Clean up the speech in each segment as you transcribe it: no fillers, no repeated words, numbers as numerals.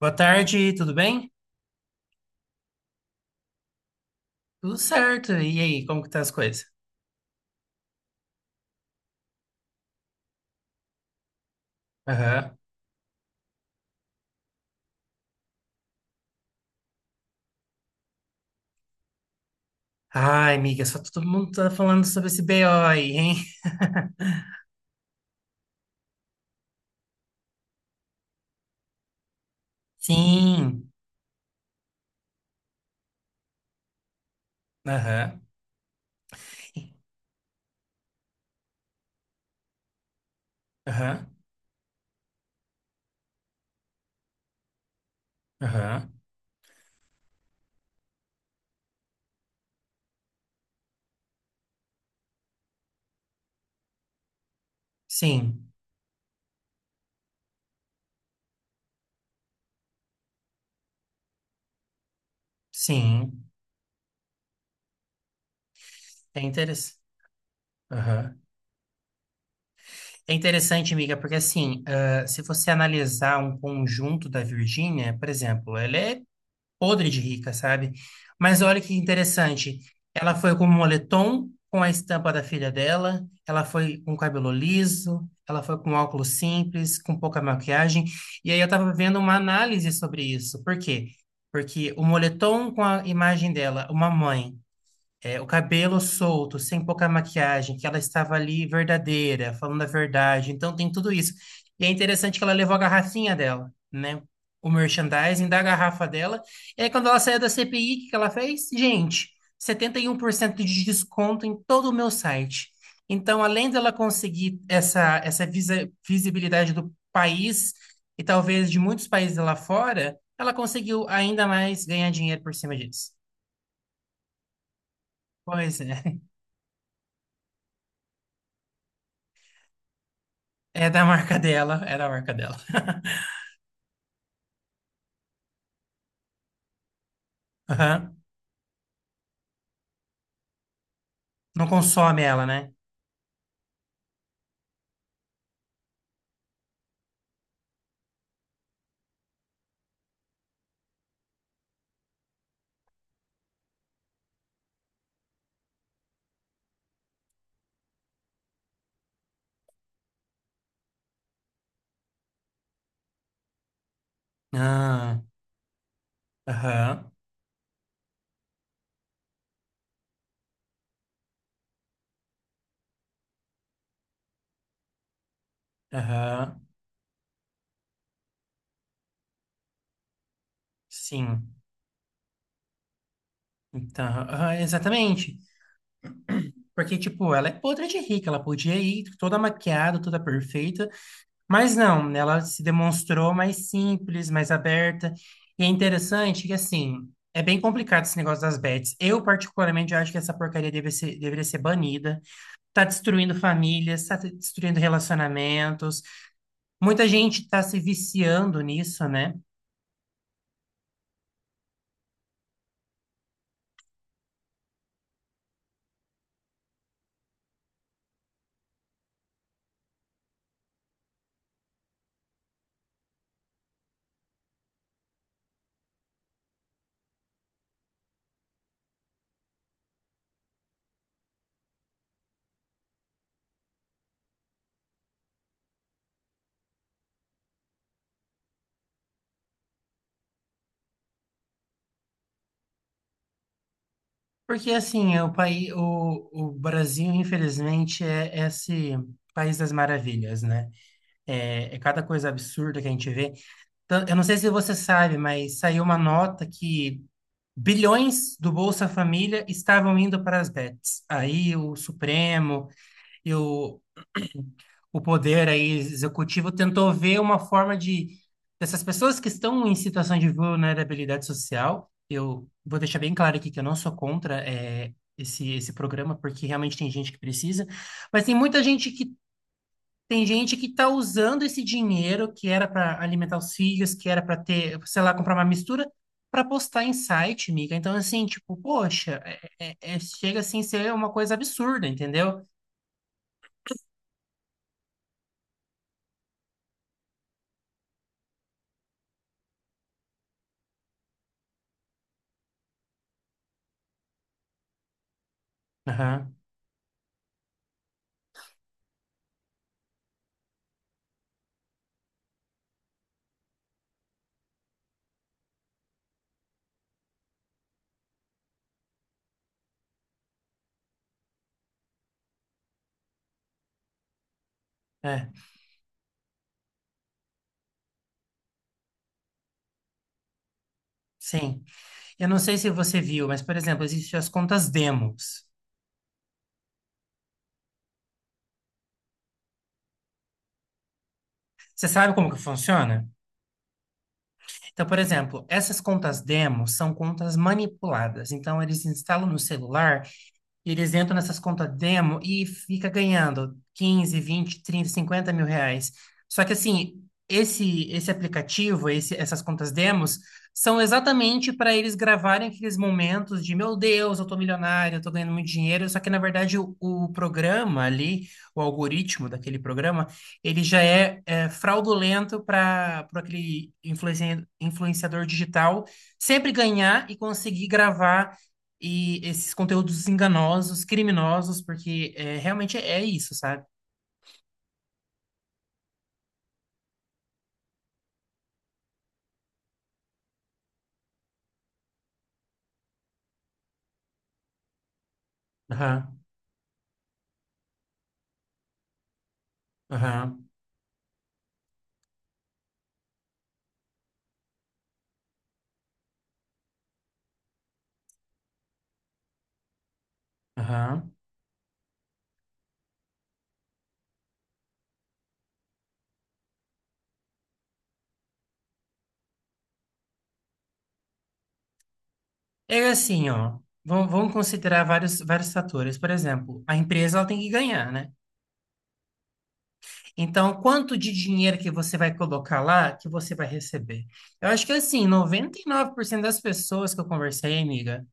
Boa tarde, tudo bem? Tudo certo. E aí, como que tá as coisas? Aham. Ai, amiga, só todo mundo tá falando sobre esse BO aí, hein? Sim. Aham. Aham. Aham. Sim. Sim. É interessante. Aham. É interessante, amiga, porque assim, se você analisar um conjunto da Virgínia, por exemplo, ela é podre de rica, sabe? Mas olha que interessante. Ela foi com um moletom com a estampa da filha dela, ela foi com cabelo liso, ela foi com óculos simples, com pouca maquiagem. E aí eu tava vendo uma análise sobre isso. Por quê? Porque o moletom com a imagem dela, uma mãe o cabelo solto, sem pouca maquiagem, que ela estava ali verdadeira, falando a verdade. Então tem tudo isso. E é interessante que ela levou a garrafinha dela, né? O merchandising da garrafa dela. E aí, quando ela saiu da CPI, o que que ela fez? Gente, 71% de desconto em todo o meu site. Então, além dela conseguir essa, essa visibilidade do país e talvez de muitos países lá fora, ela conseguiu ainda mais ganhar dinheiro por cima disso. Pois é. É da marca dela, é da marca dela. Aham. Não consome ela, né? Ah, aham, aham, sim. Então, aham, exatamente. Porque, tipo, ela é podre de rica, ela podia ir toda maquiada, toda perfeita, mas não, ela se demonstrou mais simples, mais aberta. E é interessante que, assim, é bem complicado esse negócio das bets. Eu, particularmente, acho que essa porcaria deveria ser banida. Tá destruindo famílias, tá destruindo relacionamentos. Muita gente está se viciando nisso, né? Porque assim, o país, o Brasil, infelizmente, é esse país das maravilhas, né? É, é cada coisa absurda que a gente vê. Eu não sei se você sabe, mas saiu uma nota que bilhões do Bolsa Família estavam indo para as bets. Aí o Supremo e o poder aí executivo tentou ver uma forma de dessas pessoas que estão em situação de vulnerabilidade social. Eu vou deixar bem claro aqui que eu não sou contra esse programa porque realmente tem gente que precisa, mas tem muita gente que tem gente que está usando esse dinheiro que era para alimentar os filhos, que era para ter, sei lá, comprar uma mistura para postar em site, miga. Então assim, tipo, poxa, chega assim a ser uma coisa absurda, entendeu? Aham, é, sim. Eu não sei se você viu, mas, por exemplo, existem as contas demos. Você sabe como que funciona? Então, por exemplo, essas contas demos são contas manipuladas. Então, eles instalam no celular e eles entram nessas contas demo e fica ganhando 15, 20, 30, 50.000 reais. Só que assim, esse aplicativo, esse, essas contas demos, são exatamente para eles gravarem aqueles momentos de meu Deus, eu tô milionário, eu tô ganhando muito dinheiro. Só que na verdade o programa ali, o algoritmo daquele programa, ele já é fraudulento para aquele influenciador digital sempre ganhar e conseguir gravar e esses conteúdos enganosos, criminosos, porque é, realmente é isso, sabe? Aham, aham, aham. É assim, ó. Vamos, vamos considerar vários, vários fatores. Por exemplo, a empresa ela tem que ganhar, né? Então, quanto de dinheiro que você vai colocar lá que você vai receber? Eu acho que assim, 99% das pessoas que eu conversei, amiga,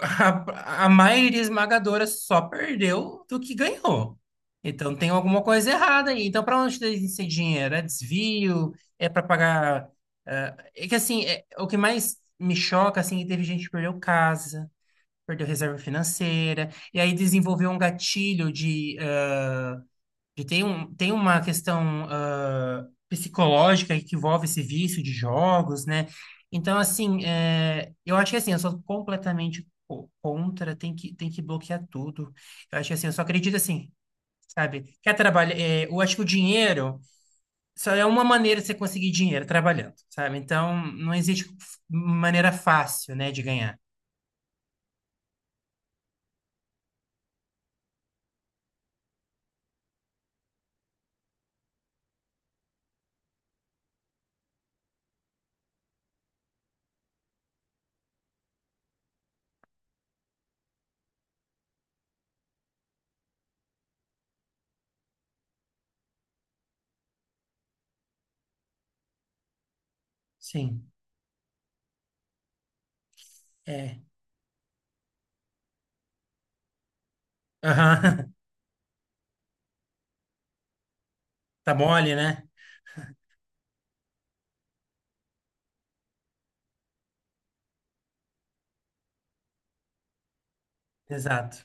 A maioria esmagadora só perdeu do que ganhou. Então tem alguma coisa errada aí. Então, para onde tem esse dinheiro? É desvio? É para pagar. É que assim, o que mais me choca assim, é que teve gente que perdeu casa, perdeu reserva financeira, e aí desenvolveu um gatilho de e tem, um, tem uma questão psicológica que envolve esse vício de jogos, né? Então, assim, é, eu acho que assim, eu sou completamente contra, tem que bloquear tudo. Eu acho que assim, eu só acredito assim, sabe? Quer trabalhar, é, eu acho que o dinheiro só é uma maneira de você conseguir dinheiro trabalhando, sabe? Então, não existe maneira fácil, né, de ganhar. Sim, é. Aham. Tá mole, né? Exato.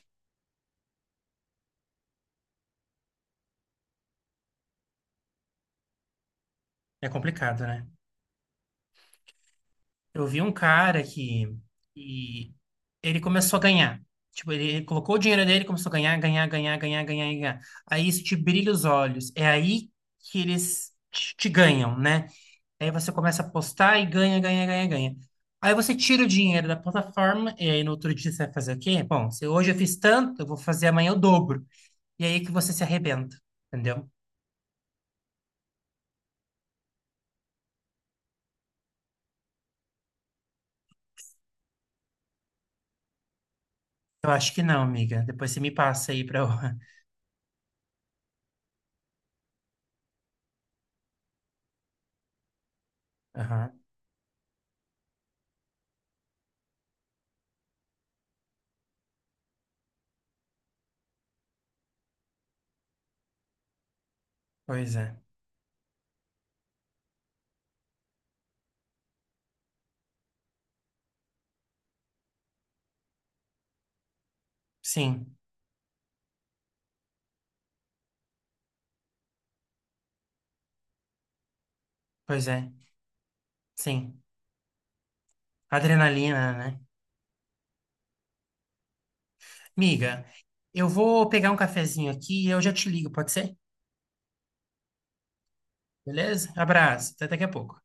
É complicado, né? Eu vi um cara que e ele começou a ganhar. Tipo, ele colocou o dinheiro dele, e começou a ganhar, ganhar, ganhar, ganhar, ganhar, ganhar. Aí isso te brilha os olhos. É aí que eles te, te ganham, né? Aí você começa a apostar e ganha, ganha, ganha, ganha. Aí você tira o dinheiro da plataforma e aí no outro dia você vai fazer o quê? Bom, se hoje eu fiz tanto, eu vou fazer amanhã o dobro. E aí que você se arrebenta, entendeu? Eu acho que não, amiga. Depois você me passa aí pra eu... Aham, pois é. Sim, pois é. Sim. Adrenalina, né? Miga, eu vou pegar um cafezinho aqui e eu já te ligo, pode ser? Beleza? Abraço, até daqui a pouco.